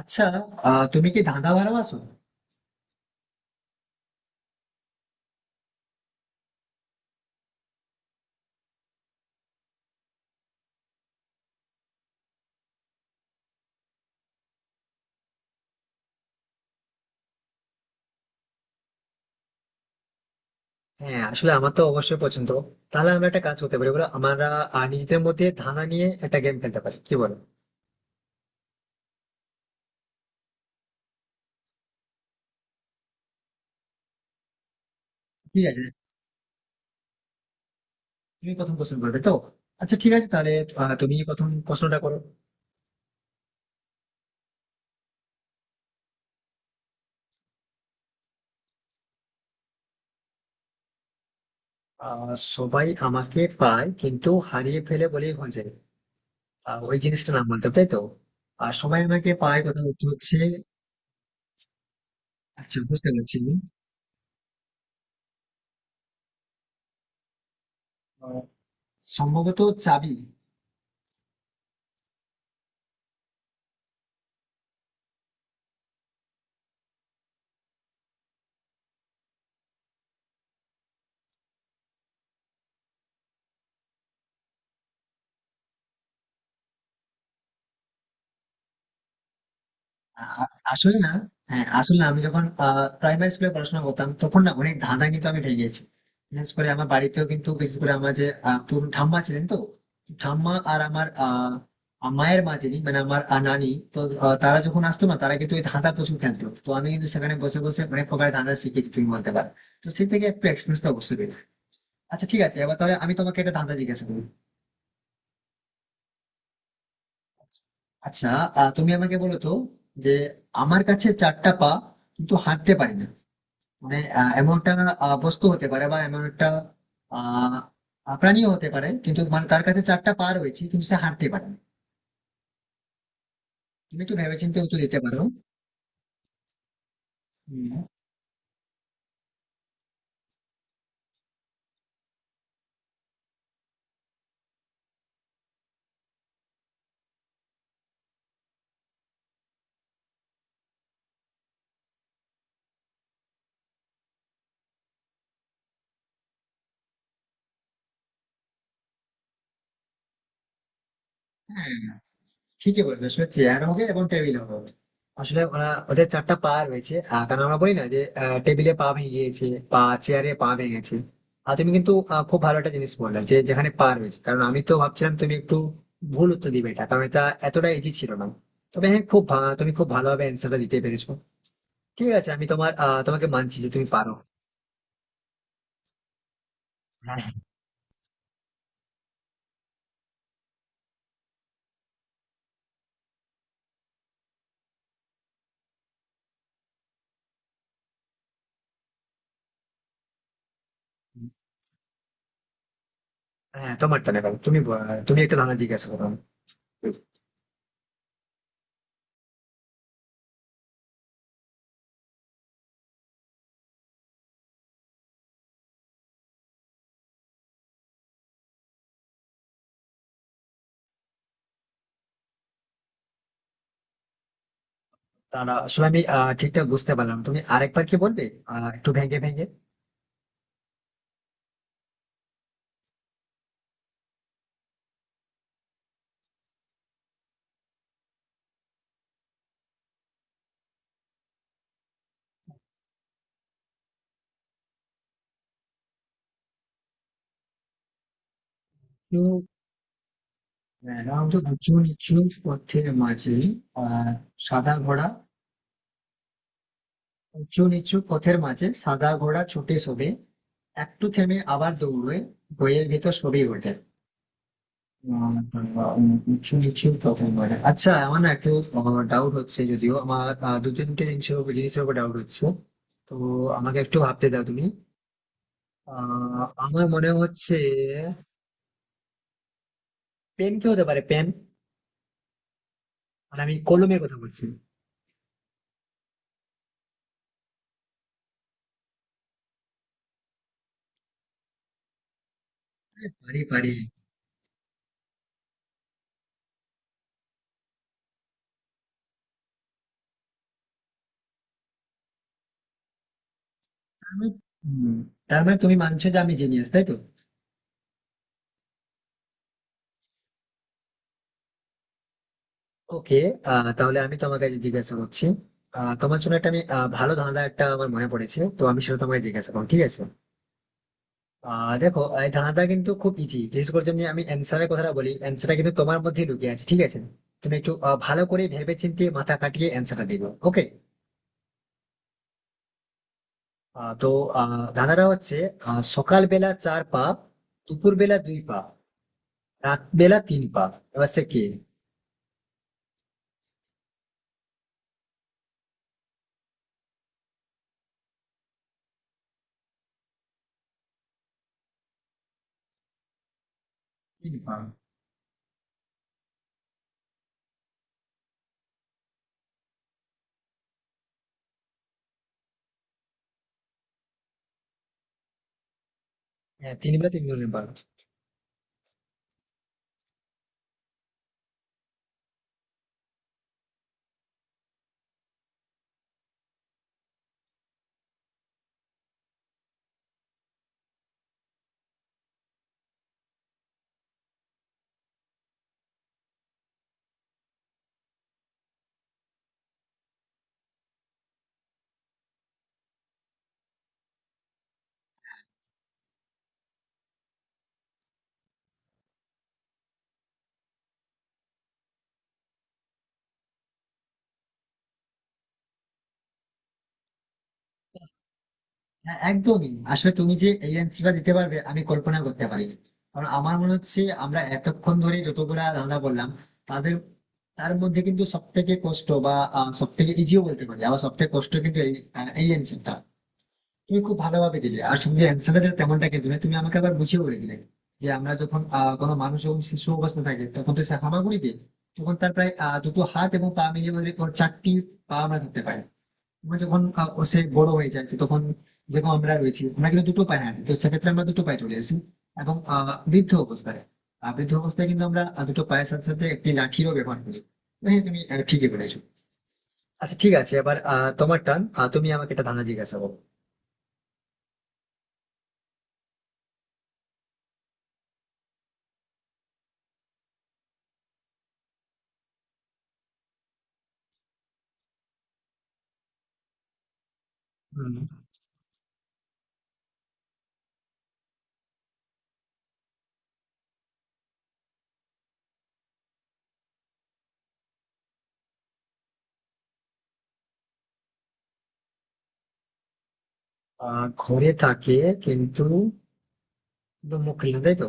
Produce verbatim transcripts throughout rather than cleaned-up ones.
আচ্ছা। আহ তুমি কি ধাঁধা ভালোবাসো? হ্যাঁ, আসলে আমার তো অবশ্যই পছন্দ। তাহলে আমরা একটা কাজ করতে পারি, বলো, আমরা আহ, নিজেদের মধ্যে ধাঁধা নিয়ে একটা গেম খেলতে পারি, কি বলো? ঠিক আছে। তুমি প্রথম প্রশ্ন করবে তো? আচ্ছা, ঠিক আছে, তাহলে আহ, তুমি প্রথম প্রশ্নটা করো। আহ সবাই আমাকে পায় কিন্তু হারিয়ে ফেলে বলেই ভুল যায়। আহ, ওই জিনিসটার নাম বলতে হবে, তাই তো? আর সবাই আমাকে পায় কথা হচ্ছে। আচ্ছা, বুঝতে পারছি আমি। আহ, সম্ভবত চাবি। আ- আ- আসলে না। হ্যাঁ, আসলে আমি যখন প্রাইমারি স্কুলে পড়াশোনা করতাম তখন না অনেক ধাঁধা কিন্তু আমি ঠেকিয়েছি। বিশেষ করে আমার বাড়িতেও, কিন্তু বিশেষ করে আমার যে আহ, পুরো ঠাম্মা ছিলেন তো, ঠাম্মা আর আমার আহ মায়ের মা, যিনি মানে আমার আহ, নানি তো, আহ, তারা যখন আসতো না, তারা কিন্তু ওই ধাঁধা প্রচুর খেলতো, তো আমি কিন্তু সেখানে বসে বসে অনেক প্রকার ধাঁধা শিখেছি তুমি বলতে পারো। তো সেই থেকে একটু এক্সপিরিয়েন্স তো অবশ্যই পেয়েছি। আচ্ছা ঠিক আছে, এবার তাহলে আমি তোমাকে একটা ধাঁধা জিজ্ঞাসা করি। আচ্ছা, আহ, তুমি আমাকে বলো তো যে আমার কাছে চারটা পা কিন্তু হাঁটতে পারি না। মানে আহ, এমন একটা আহ, বস্তু হতে পারে বা এমন একটা আহ আহ, প্রাণীও হতে পারে, কিন্তু মানে তার কাছে চারটা পা রয়েছে কিন্তু সে হাঁটতে পারে না। তুমি একটু ভেবেচিন্তে উত্তর দিতে পারো। হম। ঠিকই বলবে, আসলে চেয়ার হবে এবং টেবিল হবে। আসলে ওরা, ওদের চারটা পা রয়েছে, আহ, কারণ আমরা বলি না যে টেবিলে পা ভেঙে গিয়েছে বা চেয়ারে পা ভেঙে গেছে। আর তুমি কিন্তু আহ, খুব ভালো একটা জিনিস বললে যে যেখানে পা রয়েছে, কারণ আমি তো ভাবছিলাম তুমি একটু ভুল উত্তর দিবে এটা, কারণ এটা এতটা ইজি ছিল না। তবে হ্যাঁ, খুব ভা- তুমি খুব ভালোভাবে অ্যান্সারটা দিতে পেরেছো। ঠিক আছে, আমি তোমার আহ, তোমাকে মানছি যে তুমি পারো। হ্যাঁ, হ্যাঁ, তোমারটা নেবার, তুমি ব- তুমি একটা ধারণা জিজ্ঞাসা করো আমাকে। তারা আসলে আমি আহ, ঠিকঠাক বুঝতে পারলাম না। তুমি আরেকবার কি বলবে? আহ, একটু ভেঙে ভেঙে। রামচু উঁচু, উঁচু নিচু পথের মাঝে আহ, সাদা ঘোড়া। উঁচু নিচু পথের মাঝে সাদা ঘোড়া ছুটে শোভে, একটু থেমে আবার দৌড়ে, বইয়ের ভিতর সবই ঘটে। কিছু কিছু কথা বলে। আচ্ছা, আমার না একটু ডাউট হচ্ছে, যদিও আমার আহ, দু তিনটে জিনিসের উপর জিনিসের উপর ডাউট হচ্ছে। তো আমাকে একটু ভাবতে দাও তুমি। আহ, আমার মনে হচ্ছে পেন কি হতে পারে, পেন? মানে আমি কলমের কথা বলছি। আরে পারি পারি। তার মানে, হুম, তার মানে তুমি মানছো যে আমি জিনিয়াস, তাই তো? ওকে, তাহলে আমি তোমাকে আজ জিজ্ঞাসা করছি। আহ, তোমার জন্য একটা আমি আহ, ভালো ধাঁধা একটা আমার মনে পড়েছে, তো আমি সেটা তোমাকে জিজ্ঞাসা করবো, ঠিক আছে? আহ দেখো, এই ধাঁধাটা কিন্তু খুব ইজি, বিশেষ করে যদি আমি অ্যান্সারের কথাটা বলি। অ্যান্সারটা কিন্তু তোমার মধ্যে লুকিয়ে আছে, ঠিক আছে? তুমি একটু আহ, ভালো করে ভেবেচিন্তে মাথা কাটিয়ে অ্যান্সারটা দিবে, ওকে? তো আহ ধাঁধাটা হচ্ছে, আহ, সকালবেলা চার পা, দুপুর বেলা দুই পা, রাত বেলা তিন পা, এবার সে কে? তিন পা। হ্যাঁ, তিন বেলা তিন ধরনের পা। হ্যাঁ, একদমই, আসলে তুমি যে এই অ্যান্সারটা দিতে পারবে আমি কল্পনা করতে পারি, কারণ আমার মনে হচ্ছে আমরা এতক্ষণ ধরে যতগুলা ধাঁধা বললাম তাদের, তার মধ্যে কিন্তু সব থেকে কষ্ট বা সব থেকে ইজিও বলতে পারি, আবার সব থেকে কষ্ট কিন্তু এই আহ, এই অ্যান্সারটা তুমি খুব ভালোভাবে দিলে। আর সঙ্গে অ্যান্সারটা দিলে তেমনটা কিন্তু নয়, তুমি আমাকে আবার বুঝিয়ে বলে দিলে যে আমরা যখন আহ কোনো মানুষ যখন শিশু অবস্থা থাকে তখন তো সে হামাগুড়ি দেয়, তখন তার প্রায় আহ দুটো হাত এবং পা মিলিয়ে বোধহয় ওর চারটি পা আমরা ধরতে পারি। আমরা যখন আহ, ও সে বড় হয়ে যায় তো তখন যেরকম আমরা রয়েছি, আমরা কিন্তু দুটো পায়ে হাঁটি, তো সেক্ষেত্রে আমরা দুটো পায়ে চলে আসি। এবং আহ, বৃদ্ধ অবস্থায় আহ, বৃদ্ধ অবস্থায় কিন্তু আমরা আহ, দুটো পায়ের সাথে সাথে একটি লাঠিরও ব্যবহার করি। তো হ্যাঁ, তুমি আহ, ঠিকই বলেছো। আচ্ছা ঠিক আছে, এবার আহ, তোমার টান, আহ, তুমি আমাকে একটা ধাঁধা জিজ্ঞাসা করো। হুম। আহ, ঘরে থাকে কিন্তু, কিন্তু মুখ খুলে না, তাই তো?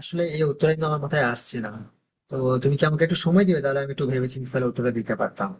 আসলে এই উত্তরটা কিন্তু আমার মাথায় আসছে না, তো তুমি কি আমাকে একটু সময় দিবে? তাহলে আমি একটু ভেবেচিন্তে তাহলে উত্তরটা দিতে পারতাম।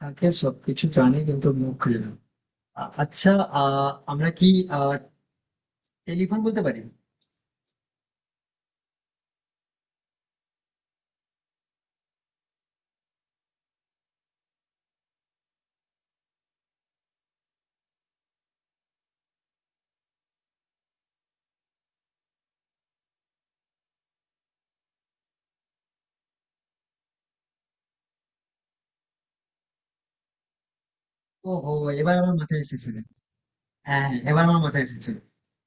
তাকে সবকিছু জানি কিন্তু মুখ খুলে না। আ- আচ্ছা, আহ আমরা কি আহ টেলিফোন বলতে পারি? ওহো, এবার আমার মাথায় এসেছে। হ্যাঁ হ্যাঁ, এবার আমার মাথায় এসেছে।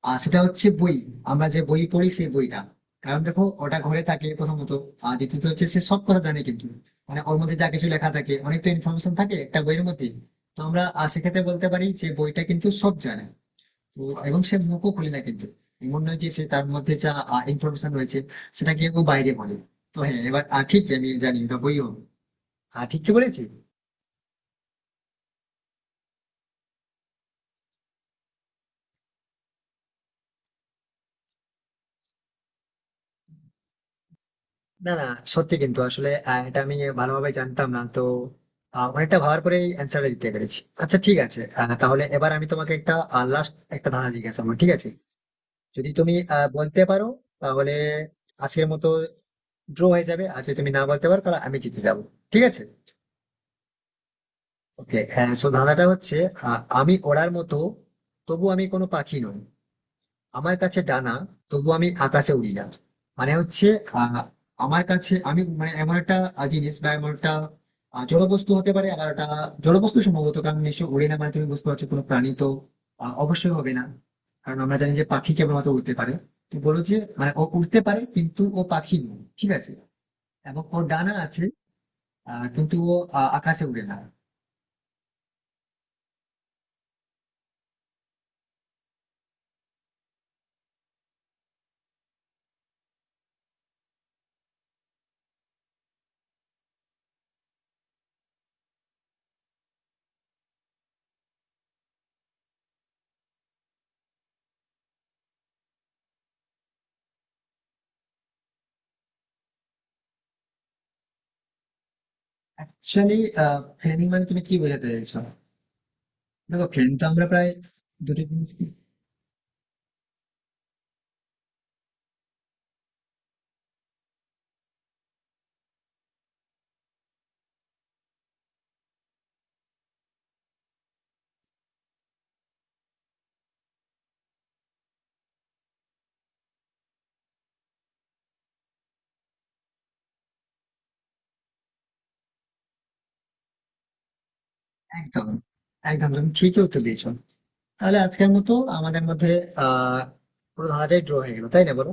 আর সেটা হচ্ছে বই। আমরা যে বই পড়ি সেই বইটা। কারণ দেখো, ওটা ঘরে থাকে প্রথমত। আর দ্বিতীয়ত হচ্ছে সে সব কথা জানে, কিন্তু মানে ওর মধ্যে যা কিছু লেখা থাকে, অনেক তো ইনফরমেশন থাকে একটা বইয়ের মধ্যে। তো আমরা আহ, সেক্ষেত্রে বলতে পারি যে বইটা কিন্তু সব জানে। তো এবং সে মুখও খুলে না, কিন্তু এমন নয় যে সে, তার মধ্যে যা ইনফরমেশন রয়েছে সেটা কেউ বাইরে বলে। তো হ্যাঁ, এবার আহ, ঠিক আমি জানি ওটা বই হবে। আহ, ঠিক কি বলেছি? না না, সত্যি কিন্তু আসলে আহ, এটা আমি ভালোভাবে জানতাম না তো, আহ, অনেকটা ভাবার পরে অ্যান্সারটা দিতে পেরেছি। আচ্ছা ঠিক আছে, আহ, তাহলে এবার আমি তোমাকে একটা লাস্ট একটা ধাঁধা জিজ্ঞাসা করবো, ঠিক আছে? যদি তুমি আহ, বলতে পারো তাহলে আজকের মতো ড্র হয়ে যাবে, আর যদি তুমি না বলতে পারো তাহলে আমি জিতে যাবো, ঠিক আছে? ওকে, সো ধাঁধাটা হচ্ছে, আহ, আমি ওড়ার মতো তবু আমি কোনো পাখি নই, আমার কাছে ডানা তবু আমি আকাশে উড়ি না। মানে হচ্ছে আহ আমার কাছে, আমি মানে এমন একটা আহ, জিনিস বা এমন একটা আহ, জড় বস্তু হতে পারে, আবার একটা জড় বস্তু সম্ভবত, কারণ নিশ্চয় উড়ে না। মানে তুমি বুঝতে পারছো, কোনো প্রাণী তো আহ, অবশ্যই হবে না, কারণ আমরা জানি যে পাখি কেবলমাত্র উড়তে পারে। তুমি বলো যে মানে ও উড়তে পারে কিন্তু ও পাখি নয়, ঠিক আছে? এবং ওর ডানা আছে আহ, কিন্তু ও আহ, আকাশে উড়ে না। অ্যাকচুয়ালি ফ্যানিং মানে তুমি কি বোঝাতে চাইছো? দেখো, ফ্যান তো আমরা প্রায় দুটো জিনিস কি? একদম, একদম তুমি ঠিকই উত্তর দিয়েছো। তাহলে আজকের মতো আমাদের মধ্যে আহ পুরো ধাঁধাটাই ড্র হয়ে গেল, তাই না বলো?